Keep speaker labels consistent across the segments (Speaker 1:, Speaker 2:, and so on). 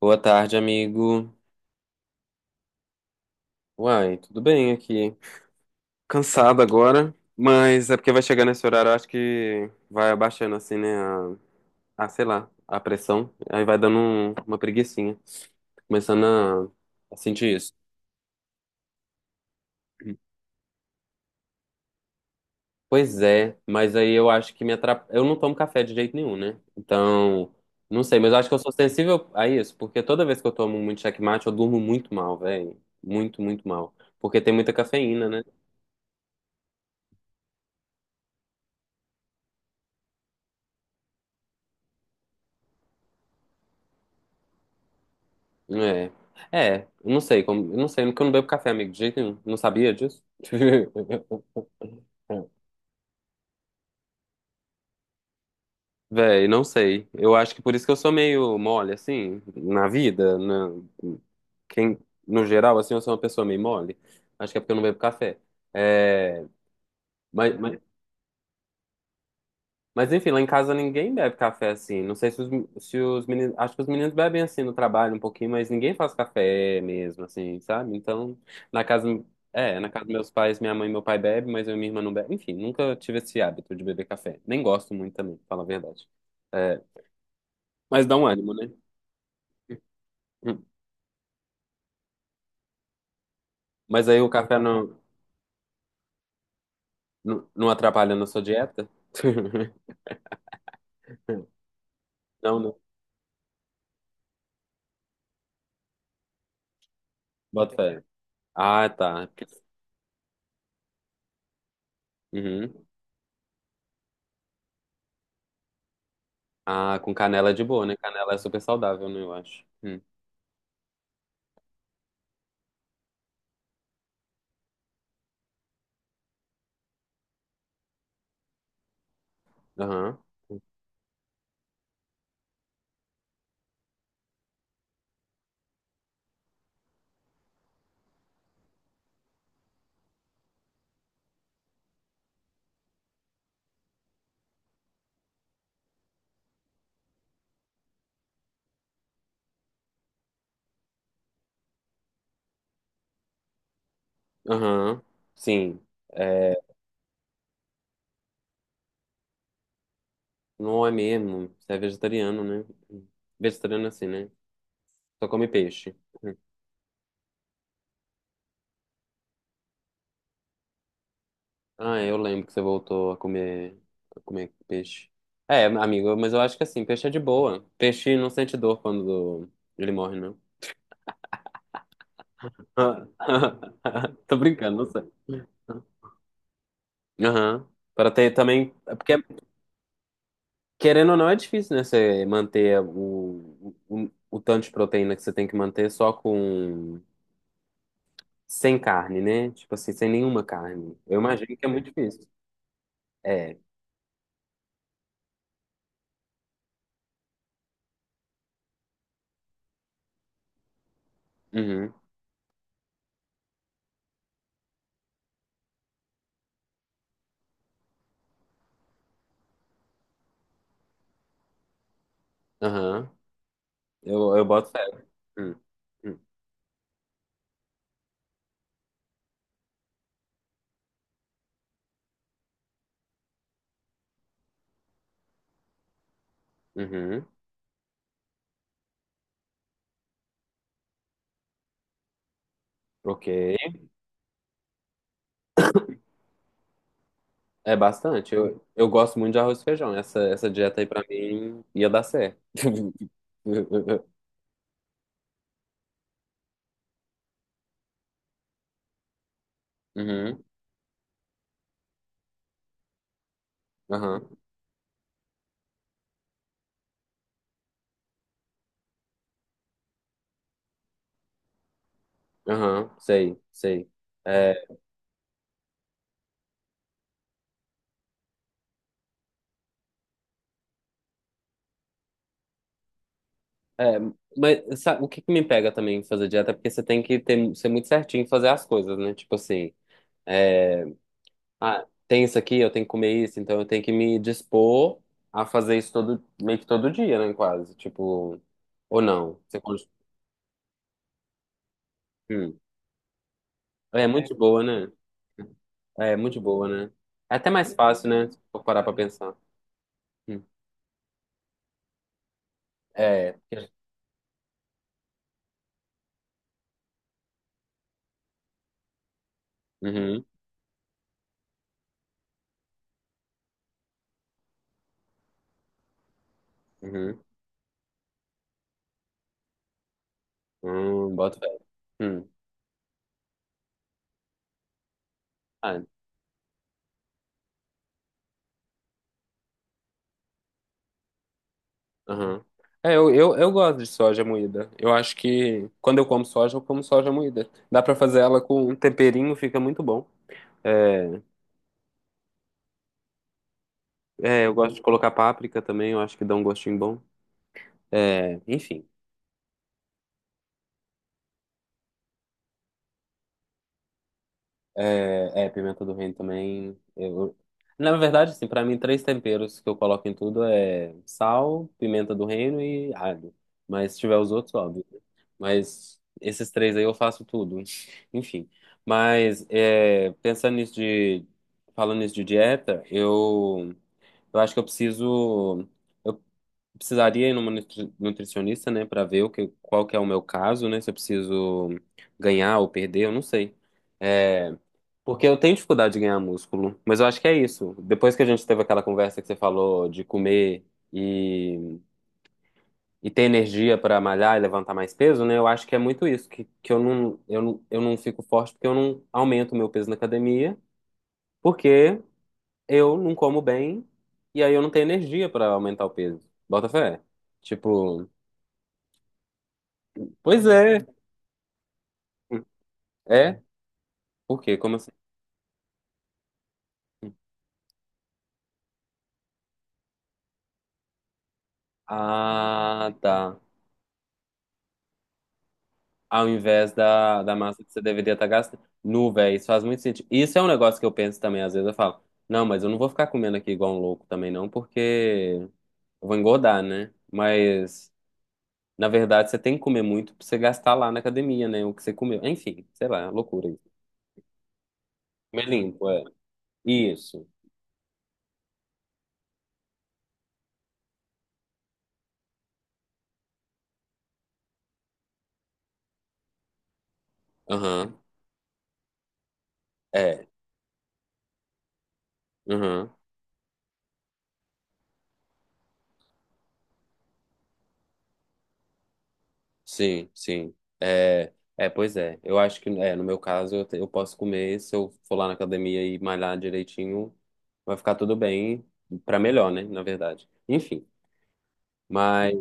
Speaker 1: Boa tarde, amigo. Uai, tudo bem aqui? Cansado agora, mas é porque vai chegar nesse horário, eu acho que vai abaixando assim, né? Sei lá, a pressão. Aí vai dando uma preguicinha. Começando a sentir isso. Pois é, mas aí eu acho que me atrapalha. Eu não tomo café de jeito nenhum, né? Então, não sei, mas eu acho que eu sou sensível a isso, porque toda vez que eu tomo muito checkmate, eu durmo muito mal, velho. Muito, muito mal. Porque tem muita cafeína, né? É. É, eu não sei como. Eu não sei, porque eu não bebo café, amigo, de jeito nenhum. Não sabia disso? Véi, não sei. Eu acho que por isso que eu sou meio mole, assim, na vida, na... Quem, no geral, assim, eu sou uma pessoa meio mole. Acho que é porque eu não bebo café. É... Mas, mas, Mas enfim, lá em casa ninguém bebe café assim. Não sei se os meninos. Acho que os meninos bebem assim no trabalho um pouquinho, mas ninguém faz café mesmo, assim, sabe? Então, na casa. É, na casa dos meus pais, minha mãe e meu pai bebem, mas eu e minha irmã não bebe. Enfim, nunca tive esse hábito de beber café. Nem gosto muito também, pra falar a verdade. É, mas dá um ânimo, né? Hum. Mas aí o café não atrapalha na sua dieta? Não, não. Bota fé. Ah, tá. Uhum. Ah, com canela é de boa, né? Canela é super saudável, né? Eu acho. Hum. Aham, aham, sim. É, não é mesmo, você é vegetariano, né? Vegetariano é assim, né? Só come peixe. Ah, eu lembro que você voltou a comer peixe. É, amigo, mas eu acho que assim, peixe é de boa. Peixe não sente dor quando ele morre, não. Tô brincando, não sei. Aham. Para ter também. É porque, querendo ou não, é difícil, né? Você manter o tanto de proteína que você tem que manter só com. Sem carne, né? Tipo assim, sem nenhuma carne. Eu imagino que é muito difícil. É. Uhum. Aham. Eu boto fé. Hum, hum, Uhum. Ok. É bastante. Eu gosto muito de arroz e feijão. Essa dieta aí pra mim ia dar certo. Uhum. Aham. Aham. Sei, sei. É, é, mas sabe, o que que me pega também em fazer dieta é porque você tem que ter, ser muito certinho em fazer as coisas, né? Tipo assim. É, ah, tem isso aqui, eu tenho que comer isso, então eu tenho que me dispor a fazer isso todo, meio que todo dia, né, quase. Tipo, ou não. Hum. É muito de boa, né? É muito de boa, né? É até mais fácil, né? Se for parar pra pensar. Hum. É. Uhum, uhum. Bota fé. Hum. Ah, aham. É, eu gosto de soja moída. Eu acho que quando eu como soja moída. Dá pra fazer ela com um temperinho, fica muito bom. É, é, eu gosto de colocar páprica também, eu acho que dá um gostinho bom. É, enfim, é, é, pimenta do reino também. Eu... Na verdade, assim, para mim, três temperos que eu coloco em tudo é sal, pimenta do reino e alho. Mas se tiver os outros, óbvio, né? Mas esses três aí eu faço tudo. Enfim. Mas é, pensando nisso de... Falando nisso de dieta, eu acho que eu preciso... precisaria ir numa nutricionista, né, para ver o que, qual que é o meu caso, né, se eu preciso ganhar ou perder, eu não sei. É, porque eu tenho dificuldade de ganhar músculo, mas eu acho que é isso. Depois que a gente teve aquela conversa que você falou de comer e, e ter energia para malhar e levantar mais peso, né, eu acho que é muito isso, que eu não fico forte porque eu não aumento o meu peso na academia, porque eu não como bem e aí eu não tenho energia para aumentar o peso. Bota fé. Tipo, pois é. É? Por quê? Como assim? Ah, tá. Ao invés da massa que você deveria estar gastando. Nu, velho, isso faz muito sentido. Isso é um negócio que eu penso também, às vezes eu falo, não, mas eu não vou ficar comendo aqui igual um louco também, não, porque eu vou engordar, né? Mas, na verdade, você tem que comer muito pra você gastar lá na academia, né? O que você comeu. Enfim, sei lá, loucura isso. Comer limpo, é. Isso. Aham. É. Aham. Sim, sim. É, é, pois é. Eu acho que, é, no meu caso, eu, eu posso comer. Se eu for lá na academia e malhar direitinho, vai ficar tudo bem. Pra melhor, né? Na verdade. Enfim. Mas,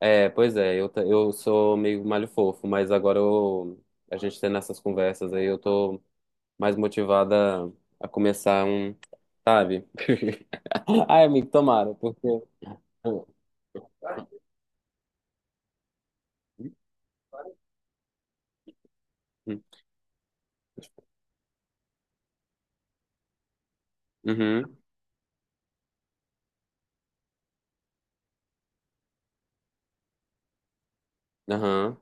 Speaker 1: é, pois é. Eu, eu sou meio malho fofo, mas agora a gente tendo essas conversas aí, eu tô mais motivada a começar um, sabe? Ai, amigo, tomara, porque. Hum, uhum, aham,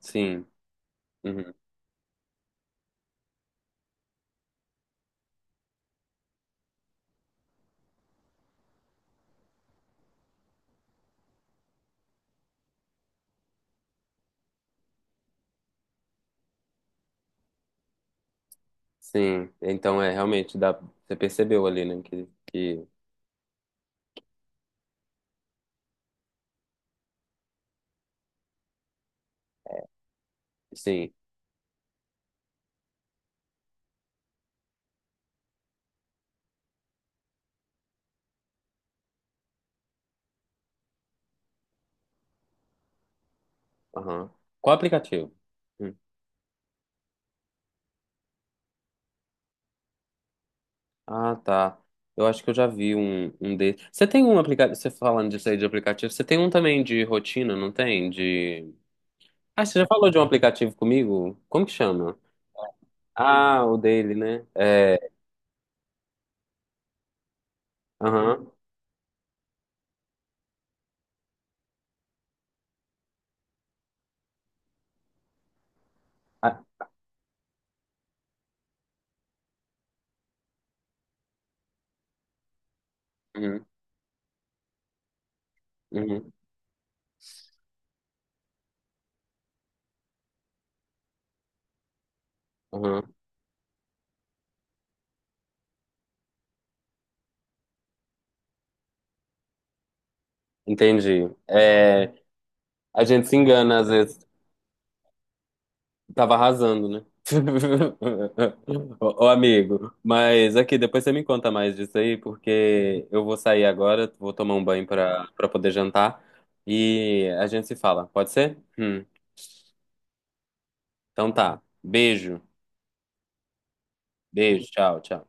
Speaker 1: sim. Uhum. Sim, então é realmente dá, você percebeu ali, né, que sim, aham. Qual aplicativo? Hum. Ah, tá. Eu acho que eu já vi um desses. Você tem um aplicativo, você falando disso aí de aplicativo, você tem um também de rotina, não tem? De... Ah, você já falou de um aplicativo comigo? Como que chama? Ah, o dele, né? É, aham. Ah, uhum, uhum, aham. Entendi. É, a gente se engana às vezes. Tava arrasando, né? Ô, ô, amigo, mas aqui, depois você me conta mais disso aí, porque eu vou sair agora, vou tomar um banho pra poder jantar e a gente se fala, pode ser? Então tá. Beijo, beijo, tchau, tchau.